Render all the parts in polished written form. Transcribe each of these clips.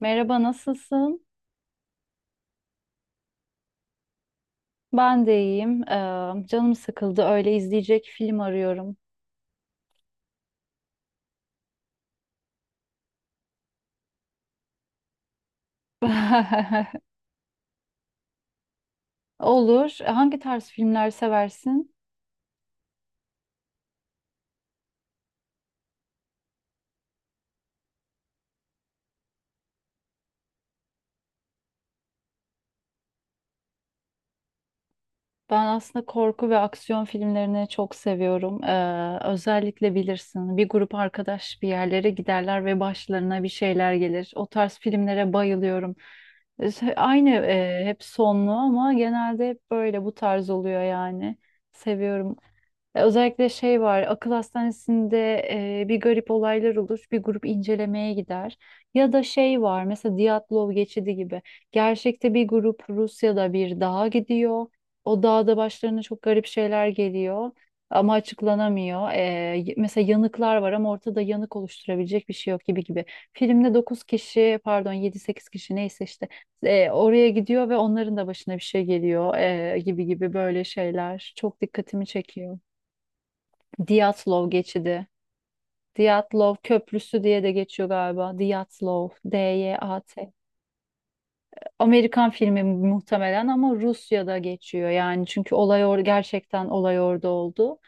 Merhaba, nasılsın? Ben de iyiyim. Canım sıkıldı. Öyle izleyecek film arıyorum. Olur. Hangi tarz filmler seversin? Ben aslında korku ve aksiyon filmlerini çok seviyorum. Özellikle bilirsin, bir grup arkadaş bir yerlere giderler ve başlarına bir şeyler gelir. O tarz filmlere bayılıyorum. Aynı hep sonlu ama genelde hep böyle bu tarz oluyor yani. Seviyorum. Özellikle şey var, akıl hastanesinde bir garip olaylar olur, bir grup incelemeye gider. Ya da şey var, mesela Diatlov geçidi gibi. Gerçekte bir grup Rusya'da bir dağa gidiyor. O dağda başlarına çok garip şeyler geliyor ama açıklanamıyor. Mesela yanıklar var ama ortada yanık oluşturabilecek bir şey yok gibi gibi. Filmde 9 kişi, pardon yedi sekiz kişi neyse işte oraya gidiyor ve onların da başına bir şey geliyor, gibi gibi böyle şeyler çok dikkatimi çekiyor. Diyatlov geçidi. Diyatlov Köprüsü diye de geçiyor galiba. Diyatlov. D-Y-A-T. Amerikan filmi muhtemelen ama Rusya'da geçiyor yani çünkü olay or gerçekten olay orada oldu.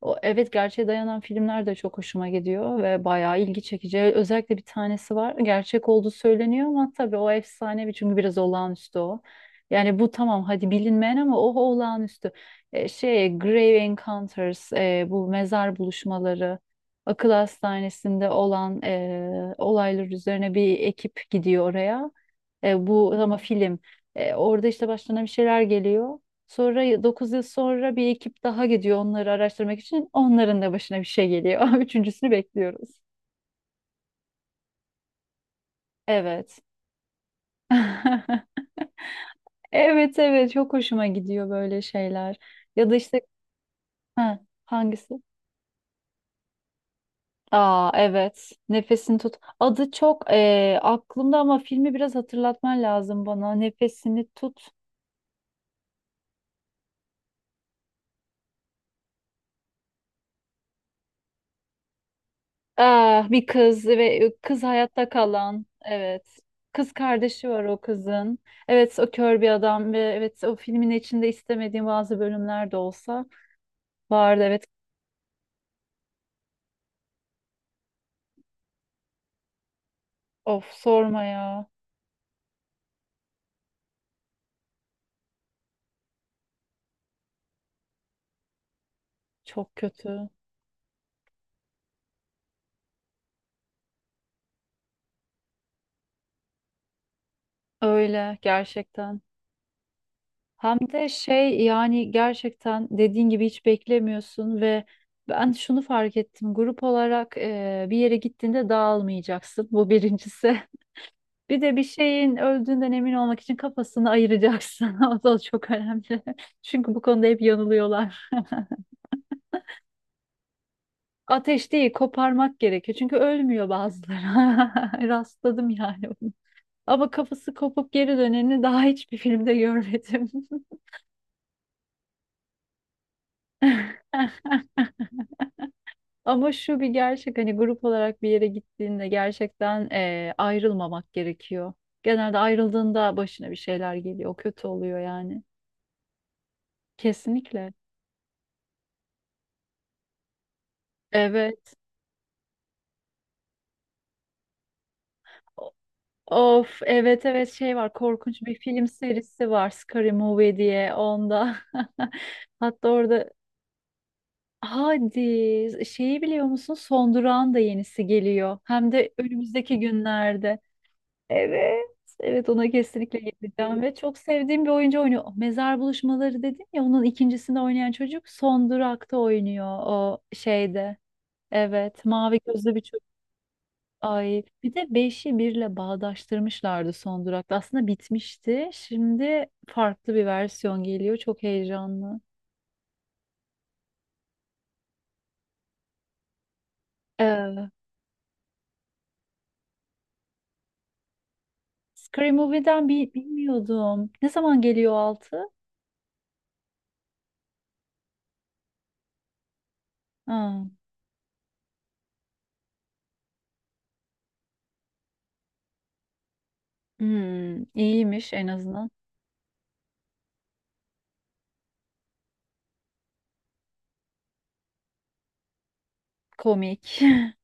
O, evet, gerçeğe dayanan filmler de çok hoşuma gidiyor ve bayağı ilgi çekici. Özellikle bir tanesi var. Gerçek olduğu söyleniyor ama tabii o efsanevi çünkü biraz olağanüstü o. Yani bu tamam hadi bilinmeyen ama o olağanüstü. Şey, Grave Encounters, bu mezar buluşmaları, akıl hastanesinde olan olaylar üzerine bir ekip gidiyor oraya. Bu ama film. Orada işte başlarına bir şeyler geliyor. Sonra 9 yıl sonra bir ekip daha gidiyor onları araştırmak için. Onların da başına bir şey geliyor. Üçüncüsünü bekliyoruz. Evet. Evet, evet, çok hoşuma gidiyor böyle şeyler. Ya da işte ha, hangisi? Aa, evet. Nefesini tut. Adı çok aklımda ama filmi biraz hatırlatman lazım bana. Nefesini tut. Ah, bir kız, ve kız hayatta kalan. Evet. Kız kardeşi var o kızın. Evet, o kör bir adam ve evet o filmin içinde istemediğim bazı bölümler de olsa vardı. Evet. Of, sorma ya. Çok kötü. Öyle gerçekten. Hem de şey yani gerçekten dediğin gibi hiç beklemiyorsun ve ben şunu fark ettim. Grup olarak bir yere gittiğinde dağılmayacaksın. Bu birincisi. Bir de bir şeyin öldüğünden emin olmak için kafasını ayıracaksın. O da çok önemli. Çünkü bu konuda hep yanılıyorlar. Ateş değil, koparmak gerekiyor. Çünkü ölmüyor bazıları. Rastladım yani bunu. Ama kafası kopup geri döneni daha hiçbir filmde görmedim. Ama şu bir gerçek, hani grup olarak bir yere gittiğinde gerçekten ayrılmamak gerekiyor. Genelde ayrıldığında başına bir şeyler geliyor. O kötü oluyor yani. Kesinlikle. Evet. Of, evet, evet, şey var, korkunç bir film serisi var, Scary Movie diye, onda. Hatta orada hadi şeyi biliyor musun? Son Durağın da yenisi geliyor. Hem de önümüzdeki günlerde. Evet. Evet, ona kesinlikle gideceğim ve çok sevdiğim bir oyuncu oynuyor. Oh, Mezar Buluşmaları dedim ya, onun ikincisinde oynayan çocuk Son Durak'ta oynuyor, o şeyde. Evet, mavi gözlü bir çocuk. Ay, bir de 5'i birle bağdaştırmışlardı son durakta. Aslında bitmişti. Şimdi farklı bir versiyon geliyor. Çok heyecanlı. Ee, Scary Movie'den bilmiyordum. Ne zaman geliyor 6? Ha. Hmm, iyiymiş en azından. Komik.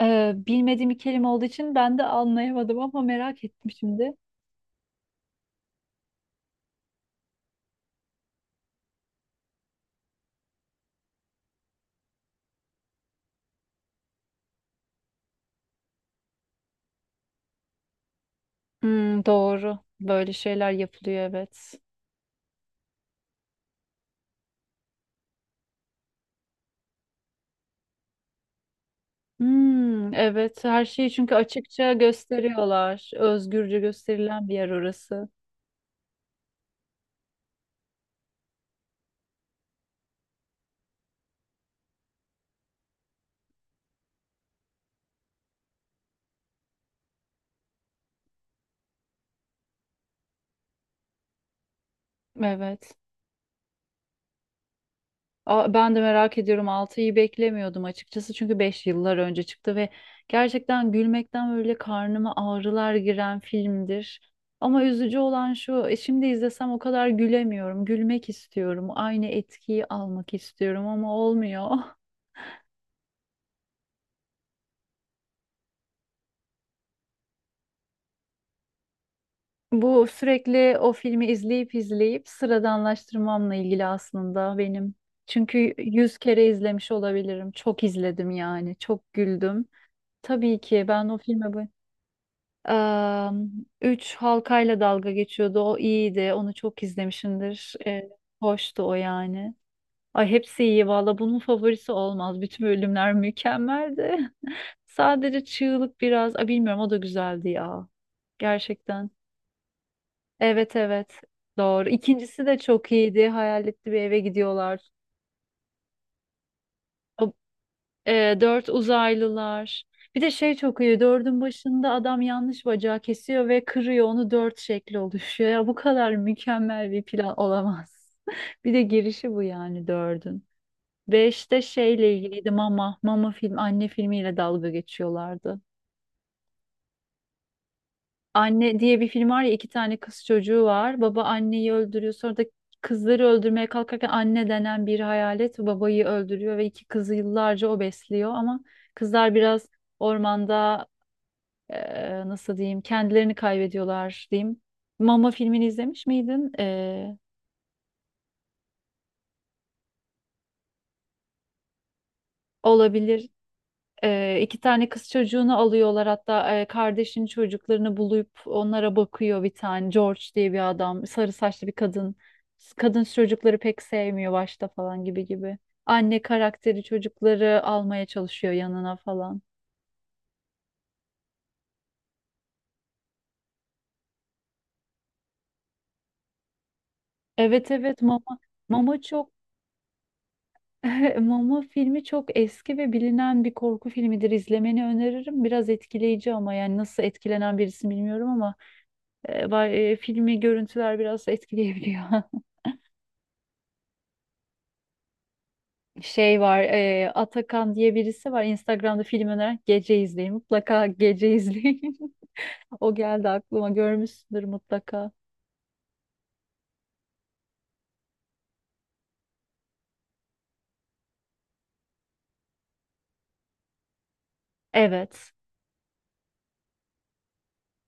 Bilmediğim bir kelime olduğu için ben de anlayamadım ama merak ettim şimdi. Hmm, doğru. Böyle şeyler yapılıyor, evet. Hmm, evet, her şeyi çünkü açıkça gösteriyorlar. Özgürce gösterilen bir yer orası. Evet. Ben de merak ediyorum, altıyı beklemiyordum açıkçası çünkü 5 yıllar önce çıktı ve gerçekten gülmekten böyle karnıma ağrılar giren filmdir. Ama üzücü olan şu, şimdi izlesem o kadar gülemiyorum. Gülmek istiyorum. Aynı etkiyi almak istiyorum ama olmuyor. Bu sürekli o filmi izleyip izleyip sıradanlaştırmamla ilgili aslında benim. Çünkü yüz kere izlemiş olabilirim. Çok izledim yani. Çok güldüm. Tabii ki ben o filme bu... Eee, Üç halkayla dalga geçiyordu. O iyiydi. Onu çok izlemişimdir. Hoştu o yani. Ay, hepsi iyi valla. Bunun favorisi olmaz. Bütün bölümler mükemmeldi. Sadece çığlık biraz. Ay bilmiyorum, o da güzeldi ya. Gerçekten. Evet, evet, doğru. İkincisi de çok iyiydi. Hayaletli bir eve gidiyorlar. O, dört uzaylılar. Bir de şey çok iyi. Dördün başında adam yanlış bacağı kesiyor ve kırıyor. Onu dört şekli oluşuyor. Ya, bu kadar mükemmel bir plan olamaz. Bir de girişi bu yani dördün. Beşte şeyle ilgiliydi, mama. Mama film, anne filmiyle dalga geçiyorlardı. Anne diye bir film var ya, iki tane kız çocuğu var. Baba anneyi öldürüyor. Sonra da kızları öldürmeye kalkarken anne denen bir hayalet babayı öldürüyor ve iki kızı yıllarca o besliyor. Ama kızlar biraz ormanda, nasıl diyeyim, kendilerini kaybediyorlar diyeyim. Mama filmini izlemiş miydin? Olabilir. İki tane kız çocuğunu alıyorlar, hatta kardeşin çocuklarını bulup onlara bakıyor bir tane George diye bir adam, sarı saçlı bir kadın çocukları pek sevmiyor başta falan, gibi gibi, anne karakteri çocukları almaya çalışıyor yanına falan. Evet, evet, Mama çok... Mama filmi çok eski ve bilinen bir korku filmidir, izlemeni öneririm. Biraz etkileyici ama yani nasıl etkilenen birisi bilmiyorum ama filmi, görüntüler biraz etkileyebiliyor. Şey var, Atakan diye birisi var Instagram'da, film öneren, gece izleyin mutlaka, gece izleyin. O geldi aklıma, görmüşsündür mutlaka. Evet,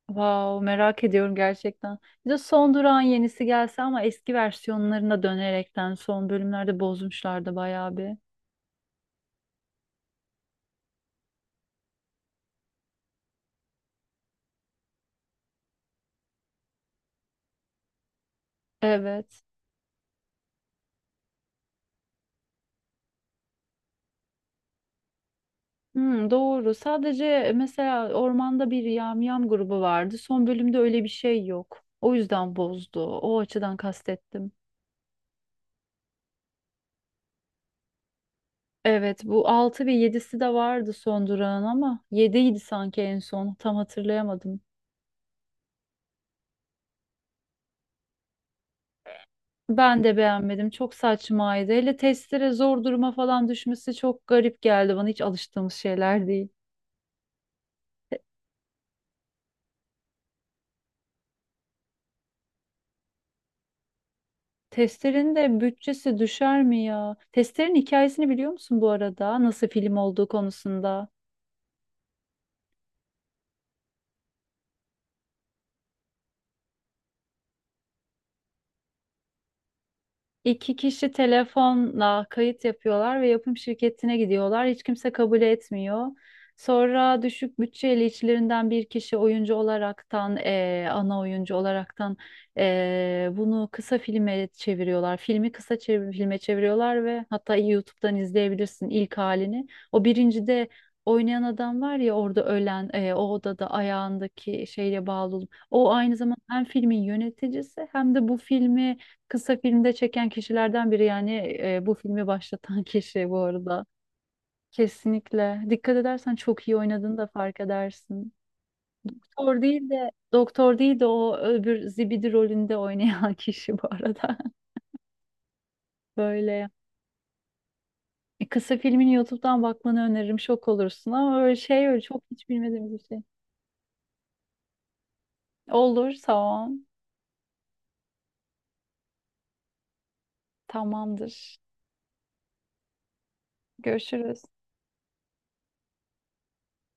wow, merak ediyorum gerçekten. Bir de Son Durağın yenisi gelse ama eski versiyonlarına dönerekten, son bölümlerde bozmuşlardı bayağı bir. Evet. Hmm, doğru, sadece mesela ormanda bir yamyam grubu vardı son bölümde, öyle bir şey yok, o yüzden bozdu, o açıdan kastettim. Evet, bu 6 ve yedisi de vardı Son Durağın, ama yediydi sanki en son, tam hatırlayamadım. Ben de beğenmedim, çok saçmaydı. Hele testere zor duruma falan düşmesi çok garip geldi bana, hiç alıştığımız şeyler değil. Testerin de bütçesi düşer mi ya? Testerin hikayesini biliyor musun bu arada? Nasıl film olduğu konusunda? İki kişi telefonla kayıt yapıyorlar ve yapım şirketine gidiyorlar. Hiç kimse kabul etmiyor. Sonra düşük bütçeli, içlerinden bir kişi oyuncu olaraktan, ana oyuncu olaraktan, bunu kısa filme çeviriyorlar. Filmi kısa filme çeviriyorlar ve hatta YouTube'dan izleyebilirsin ilk halini. O birincide oynayan adam var ya orada ölen, o odada ayağındaki şeyle bağlı. O aynı zamanda hem filmin yöneticisi hem de bu filmi kısa filmde çeken kişilerden biri, yani bu filmi başlatan kişi bu arada. Kesinlikle. Dikkat edersen çok iyi oynadığını da fark edersin. Doktor değil de o öbür zibidi rolünde oynayan kişi bu arada. Böyle... Kısa filmini YouTube'dan bakmanı öneririm. Şok olursun ama öyle şey, öyle çok hiç bilmediğim bir şey. Olur, tamam. Tamamdır. Görüşürüz.